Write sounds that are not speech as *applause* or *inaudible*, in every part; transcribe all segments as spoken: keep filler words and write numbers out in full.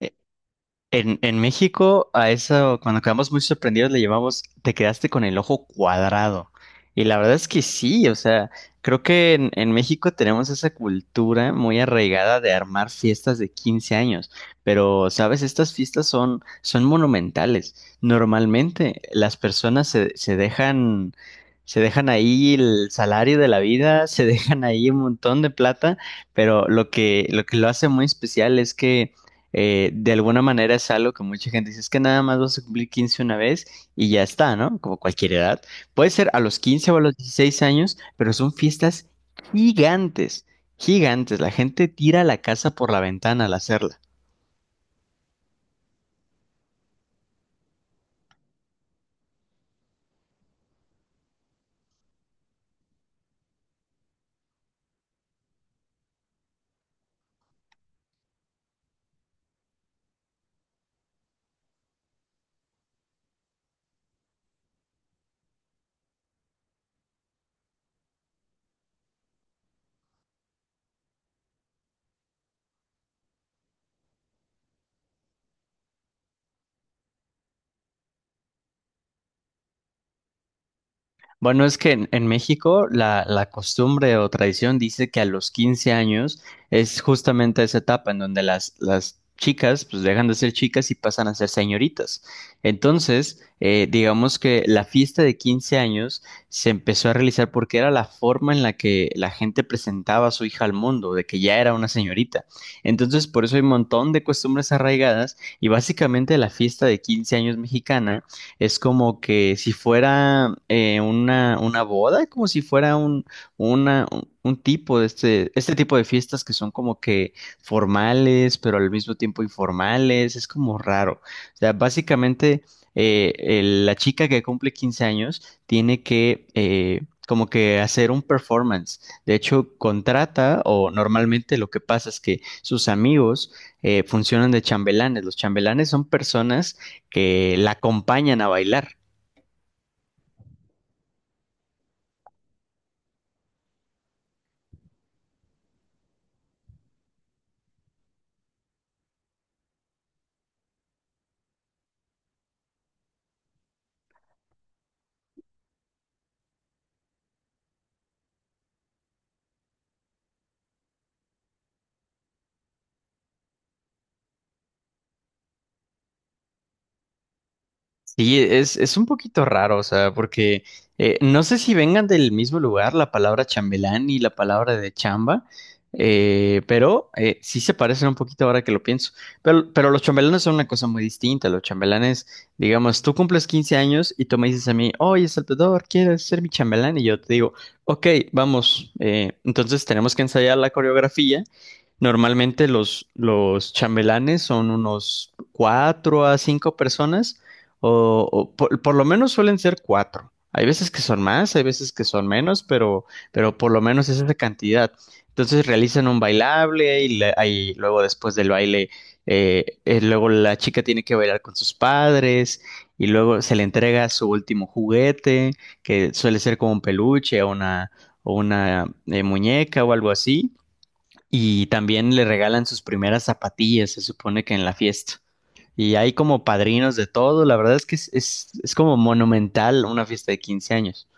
E- En, en México, a eso, cuando quedamos muy sorprendidos, le llamamos, te quedaste con el ojo cuadrado. Y la verdad es que sí, o sea, creo que en, en México tenemos esa cultura muy arraigada de armar fiestas de quince años. Pero, ¿sabes? Estas fiestas son, son monumentales. Normalmente las personas se, se dejan, se dejan ahí el salario de la vida, *laughs* se dejan ahí un montón de plata, pero lo que, lo que lo hace muy especial es que eh, de alguna manera es algo que mucha gente dice, es que nada más vas a cumplir quince una vez y ya está, ¿no? Como cualquier edad. Puede ser a los quince o a los dieciséis años, pero son fiestas gigantes, gigantes. La gente tira la casa por la ventana al hacerla. Bueno, es que en, en México la, la costumbre o tradición dice que a los quince años es justamente esa etapa en donde las, las chicas pues dejan de ser chicas y pasan a ser señoritas. Entonces, eh, digamos que la fiesta de quince años se empezó a realizar porque era la forma en la que la gente presentaba a su hija al mundo, de que ya era una señorita. Entonces, por eso hay un montón de costumbres arraigadas y básicamente la fiesta de quince años mexicana es como que si fuera eh, una, una boda, como si fuera un, una, un un tipo de este, este tipo de fiestas que son como que formales, pero al mismo tiempo informales, es como raro. O sea, básicamente eh, el- la chica que cumple quince años tiene que eh, como que hacer un performance. De hecho, contrata o normalmente lo que pasa es que sus amigos eh, funcionan de chambelanes. Los chambelanes son personas que la acompañan a bailar. Sí, es, es un poquito raro, o sea, porque eh, no sé si vengan del mismo lugar la palabra chambelán y la palabra de chamba, eh, pero eh, sí se parecen un poquito ahora que lo pienso. Pero, pero los chambelanes son una cosa muy distinta. Los chambelanes, digamos, tú cumples quince años y tú me dices a mí, oye, Salvador, ¿quieres ser mi chambelán? Y yo te digo, ok, vamos. Eh, entonces tenemos que ensayar la coreografía. Normalmente los, los chambelanes son unos cuatro a cinco personas o, o por, por lo menos suelen ser cuatro. Hay veces que son más, hay veces que son menos, pero, pero por lo menos es esa cantidad. Entonces realizan un bailable y, la- ahí luego después del baile, eh, eh, luego la chica tiene que bailar con sus padres y luego se le entrega su último juguete, que suele ser como un peluche o una, o una eh, muñeca o algo así. Y también le regalan sus primeras zapatillas, se supone que en la fiesta y hay como padrinos de todo. La verdad es que es, es, es como monumental una fiesta de quince años.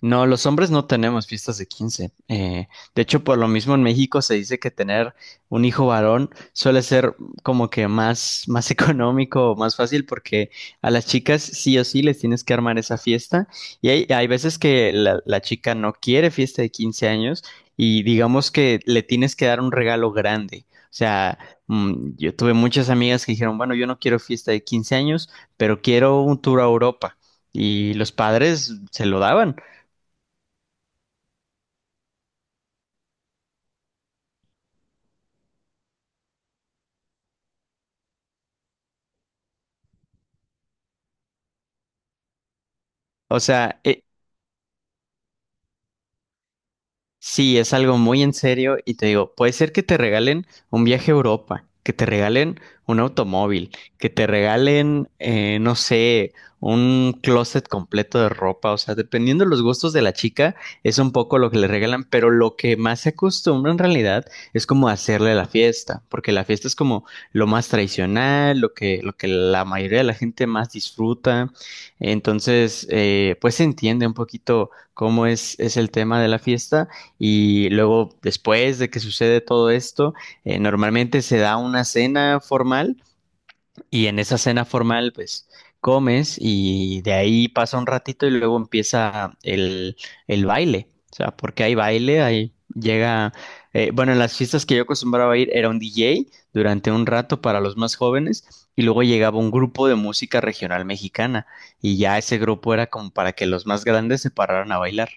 No, los hombres no tenemos fiestas de quince. Eh, de hecho, por lo mismo en México se dice que tener un hijo varón suele ser como que más, más *laughs* económico o más fácil porque a las chicas sí o sí les tienes que armar esa fiesta. Y hay, hay veces que la, la chica no quiere fiesta de quince años y digamos que le tienes que dar un regalo grande. O sea, mm, yo tuve muchas amigas que dijeron, bueno, yo no quiero fiesta de quince años, pero quiero un tour a Europa. Y los padres se lo daban. O sea, e- sí, es algo muy en serio y te digo, puede ser que te regalen un viaje a Europa, que te regalen un automóvil, que te regalen, eh, no sé, un closet completo de ropa, o sea, dependiendo de los gustos de la chica, es un poco lo que le regalan, pero lo que más se acostumbra en realidad es como hacerle la fiesta, porque la fiesta es como lo más tradicional, lo que, lo que la mayoría de la gente más disfruta, entonces, eh, pues se entiende un poquito cómo es, es el tema de la fiesta. Y luego, después de que sucede todo esto, eh, normalmente se da una cena formal y en esa cena formal, pues comes y de ahí pasa un ratito y luego empieza el, el baile. O sea, porque hay baile, ahí llega, eh, bueno, en las fiestas que yo acostumbraba a ir era un D J durante un rato para los más jóvenes y luego llegaba un grupo de música regional mexicana y ya ese grupo era como para que los más grandes se pararan a bailar.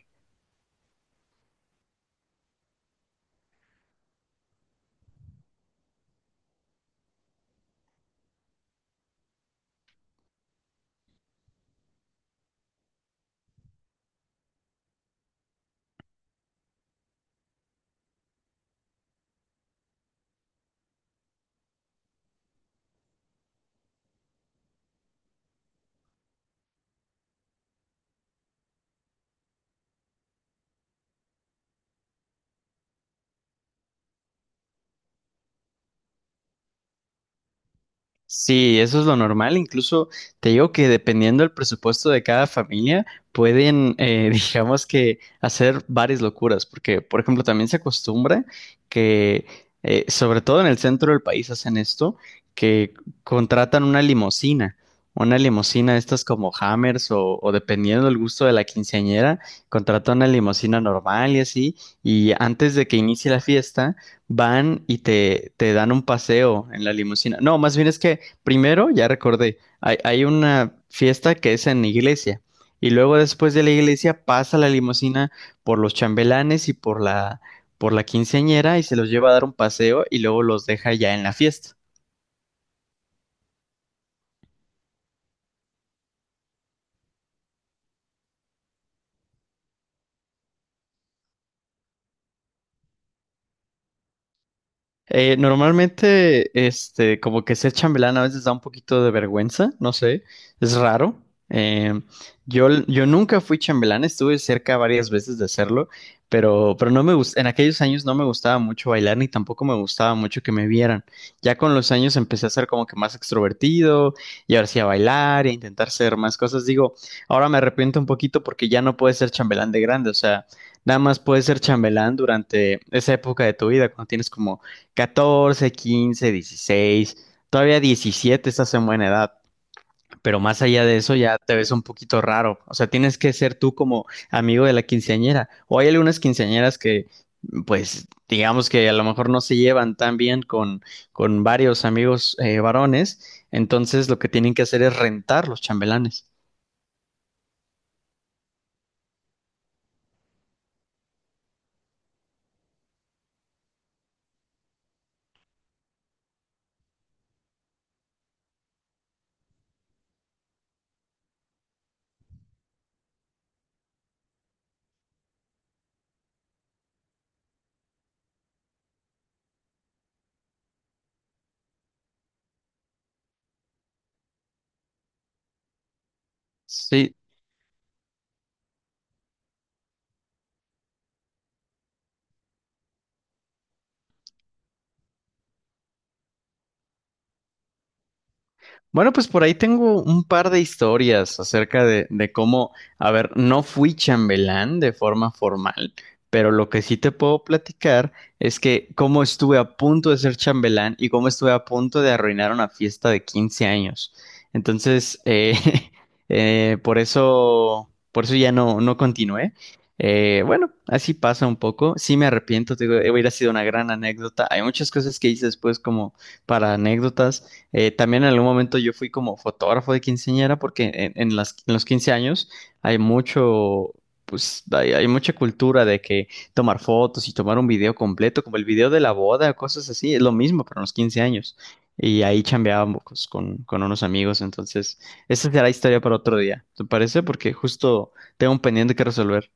Sí, eso es lo normal. Incluso te digo que dependiendo del presupuesto de cada familia, pueden, eh, *laughs* digamos que hacer varias locuras. Porque, por ejemplo, también se acostumbra que, eh, sobre todo en el centro del país, hacen esto, que contratan una limusina. Una limusina, de estas como Hammers o, o dependiendo del gusto de la quinceañera, contratan una limusina normal y así. Y antes de que inicie la fiesta, van y te, te dan un paseo en la limusina. No, más bien es que primero, ya recordé, hay, hay una fiesta que es en iglesia y luego después de la iglesia pasa la limusina por los chambelanes y por la, por la quinceañera y se los lleva a dar un paseo y luego los deja ya en la fiesta. Eh, normalmente, este, como que ser chambelán a veces da un poquito de vergüenza, no sé, es raro. Eh, yo, yo nunca fui chambelán, estuve cerca varias veces de hacerlo, pero, pero no me gust- en aquellos años no me gustaba mucho bailar ni tampoco me gustaba mucho que me vieran. Ya con los años empecé a ser como que más extrovertido y ahora sí a bailar y a intentar hacer más cosas. Digo, ahora me arrepiento un poquito porque ya no puedes ser chambelán de grande, o sea, nada más puedes ser chambelán durante esa época de tu vida, cuando tienes como catorce quince dieciséis todavía diecisiete estás en buena edad, pero más allá de eso ya te ves un poquito raro. O sea, tienes que ser tú como amigo de la quinceañera. O hay algunas quinceañeras que, pues, digamos que a lo mejor no se llevan tan bien con, con varios amigos eh, varones, entonces lo que tienen que hacer es rentar los chambelanes. Sí, bueno, pues por ahí tengo un par de historias acerca de, de cómo, a ver, no fui chambelán de forma formal, pero lo que sí te puedo platicar es que cómo estuve a punto de ser chambelán y cómo estuve a punto de arruinar una fiesta de quince años. Entonces, eh, *laughs* eh, por eso, por eso ya no, no continué. Eh, bueno, así pasa un poco. Sí me arrepiento, te digo, hubiera sido una gran anécdota. Hay muchas cosas que hice después como para anécdotas. Eh, también en algún momento yo fui como fotógrafo de quinceañera porque en, en las, en los quince años hay mucho, pues hay, hay mucha cultura de que tomar fotos y tomar un video completo, como el video de la boda, cosas así, es lo mismo, pero en los quince años. Y ahí chambeábamos con, con unos amigos, entonces esa será historia para otro día, ¿te parece? Porque justo tengo un pendiente que resolver.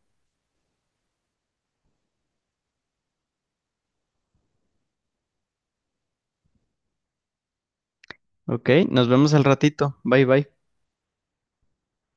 Ok, nos vemos al ratito. Bye bye.